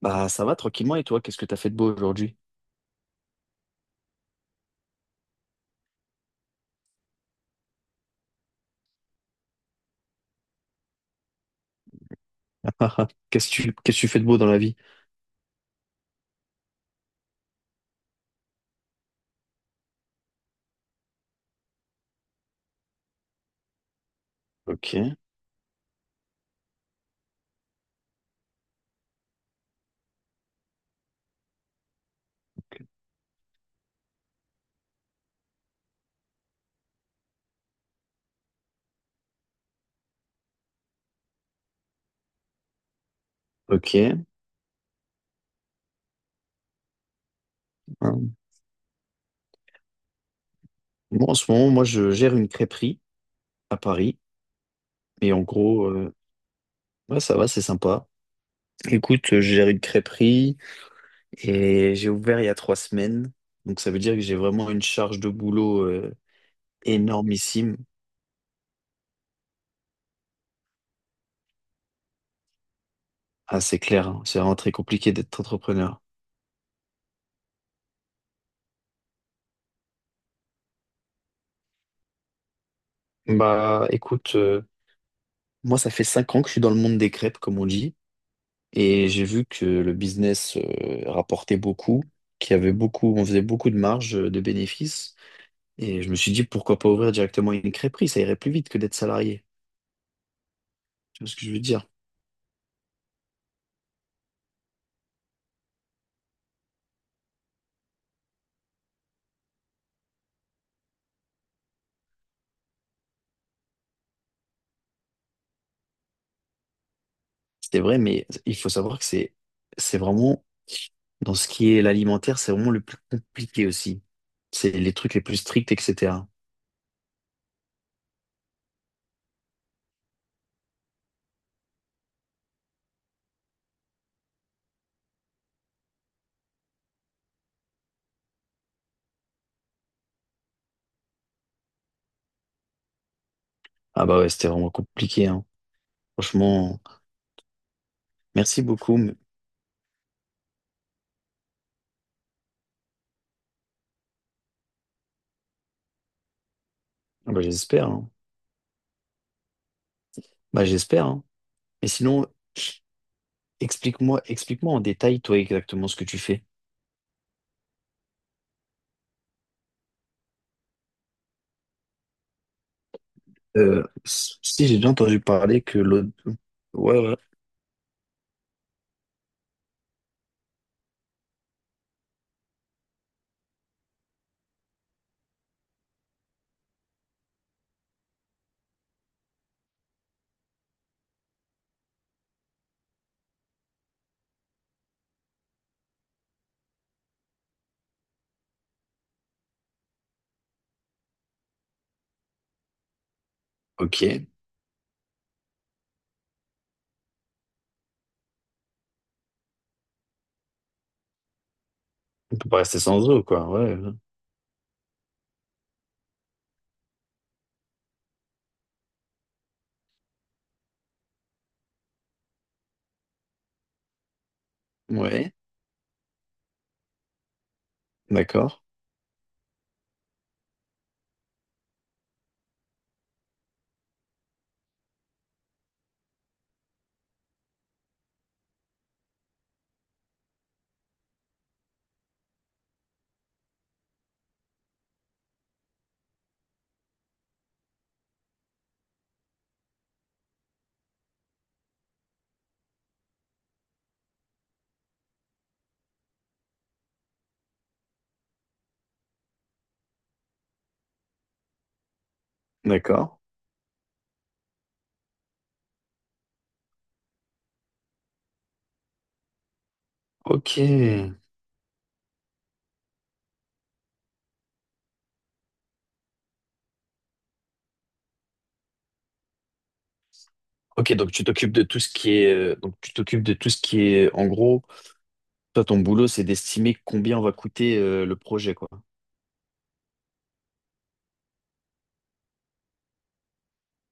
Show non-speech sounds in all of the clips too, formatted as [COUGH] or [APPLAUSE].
Bah ça va tranquillement et toi, qu'est-ce que t'as fait de beau aujourd'hui? [LAUGHS] Qu'est-ce que tu fais de beau dans la vie? Ok, ok. Hum. Bon, en ce moment, moi je gère une crêperie à Paris et en gros, ouais, ça va, c'est sympa. Écoute, je gère une crêperie et j'ai ouvert il y a trois semaines, donc ça veut dire que j'ai vraiment une charge de boulot énormissime. Ah, c'est clair, hein. C'est vraiment très compliqué d'être entrepreneur. Bah écoute, moi ça fait cinq ans que je suis dans le monde des crêpes, comme on dit. Et j'ai vu que le business rapportait beaucoup, qu'il y avait beaucoup, on faisait beaucoup de marge de bénéfices. Et je me suis dit, pourquoi pas ouvrir directement une crêperie? Ça irait plus vite que d'être salarié. Tu vois ce que je veux dire? C'était vrai, mais il faut savoir que c'est vraiment, dans ce qui est l'alimentaire, c'est vraiment le plus compliqué aussi. C'est les trucs les plus stricts, etc. Ah bah ouais, c'était vraiment compliqué, hein. Franchement, merci beaucoup. Mais- Ah bah j'espère, hein. Bah j'espère, hein. Mais sinon, explique-moi, explique-moi en détail, toi, exactement ce que tu fais. S- si j'ai déjà entendu parler que l'autre... Ouais, ouais. Ok. On peut pas rester sans eau, quoi. Ouais. Ouais. Ouais. D'accord. D'accord. Ok. Ok, donc tu t'occupes de tout ce qui est... donc tu t'occupes de tout ce qui est... En gros, toi, ton boulot, c'est d'estimer combien va coûter le projet, quoi.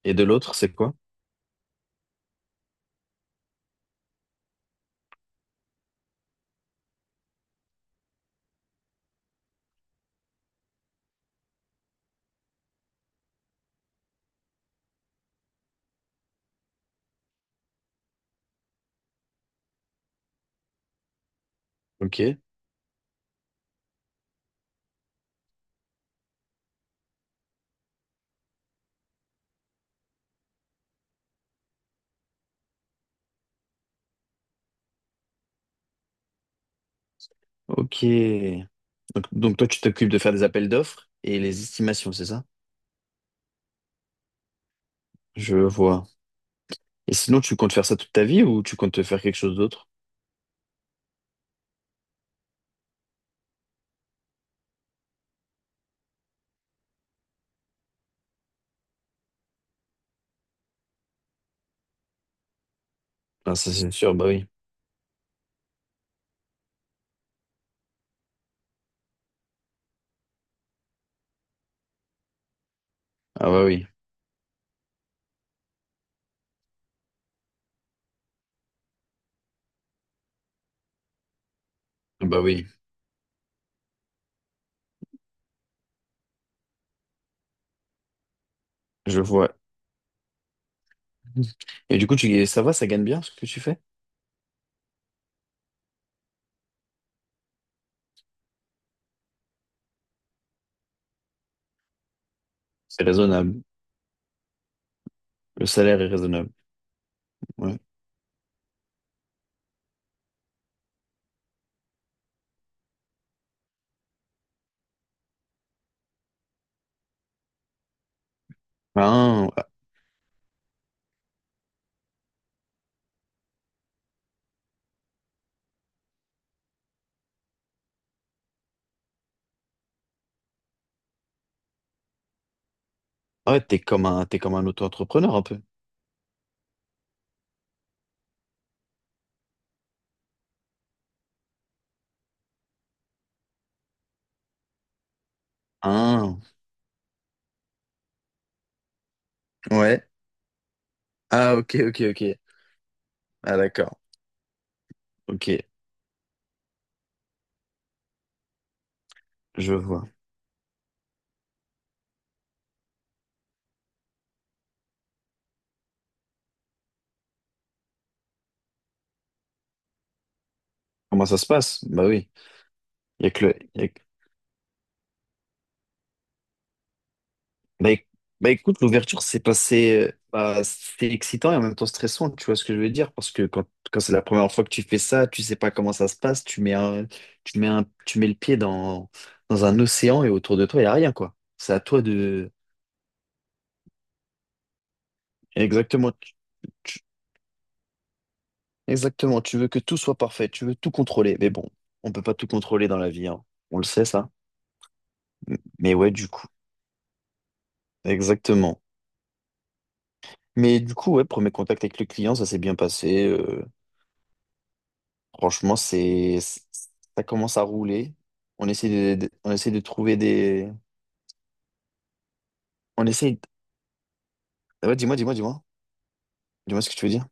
Et de l'autre, c'est quoi? Ok. Ok. Donc toi, tu t'occupes de faire des appels d'offres et les estimations, c'est ça? Je vois. Et sinon, tu comptes faire ça toute ta vie ou tu comptes faire quelque chose d'autre? Ah, ça, c'est sûr, bah oui. Ah, bah oui. Bah oui, je vois. Et du coup, tu, ça va, ça gagne bien ce que tu fais? C'est raisonnable. Le salaire est raisonnable. Ouais. Ah, ouais, t'es comme un auto-entrepreneur un peu. Ah, ouais. Ah, ok, ok, ok. Ah, d'accord. Ok, je vois. Comment ça se passe? Bah oui. Il y a que le, bah, éc- bah, écoute, l'ouverture s'est passée, bah, c'est excitant et en même temps stressant, tu vois ce que je veux dire? Parce que quand c'est la première fois que tu fais ça, tu sais pas comment ça se passe, tu mets le pied dans, dans un océan et autour de toi, il n'y a rien, quoi. C'est à toi de... Exactement, tu- exactement, tu veux que tout soit parfait, tu veux tout contrôler. Mais bon, on peut pas tout contrôler dans la vie, hein. On le sait, ça. M- Mais ouais, du coup, exactement. Mais du coup, ouais, premier contact avec le client, ça s'est bien passé. Franchement, ça commence à rouler. On essaie on essaie de trouver des, on essaie, de- ouais, dis-moi ce que tu veux dire.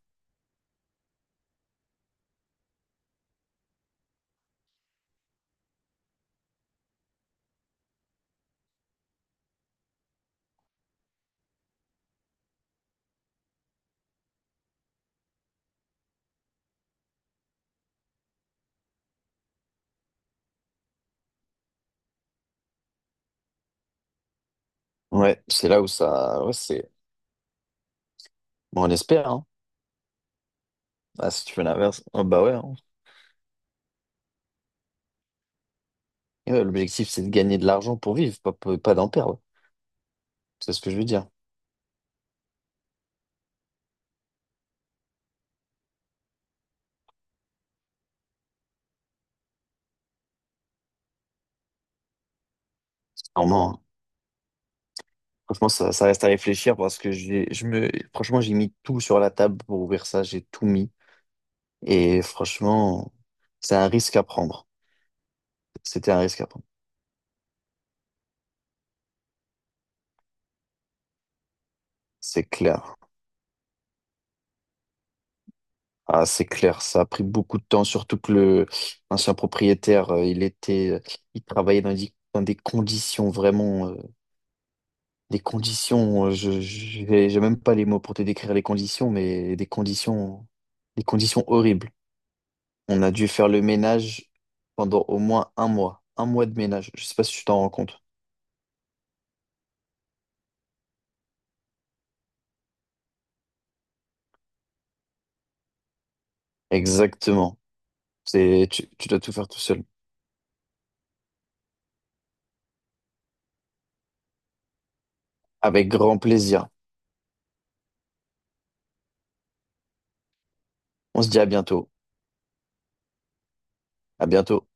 Ouais, c'est là où ça, ouais, c'est, bon, on espère, hein. Ah, si tu veux l'inverse, oh, bah ouais, hein. Et ouais, l'objectif, c'est de gagner de l'argent pour vivre, pas d'en perdre. C'est ce que je veux dire. Normalement, hein. Franchement, ça reste à réfléchir parce que franchement, j'ai mis tout sur la table pour ouvrir ça, j'ai tout mis. Et franchement, c'est un risque à prendre. C'était un risque à prendre. C'est clair. Ah, c'est clair, ça a pris beaucoup de temps, surtout que le l'ancien propriétaire, il était, il travaillait dans des conditions vraiment, des conditions, j'ai même pas les mots pour te décrire les conditions, mais des conditions horribles. On a dû faire le ménage pendant au moins un mois de ménage. Je sais pas si tu t'en rends compte. Exactement. Tu dois tout faire tout seul. Avec grand plaisir. On se dit à bientôt. À bientôt.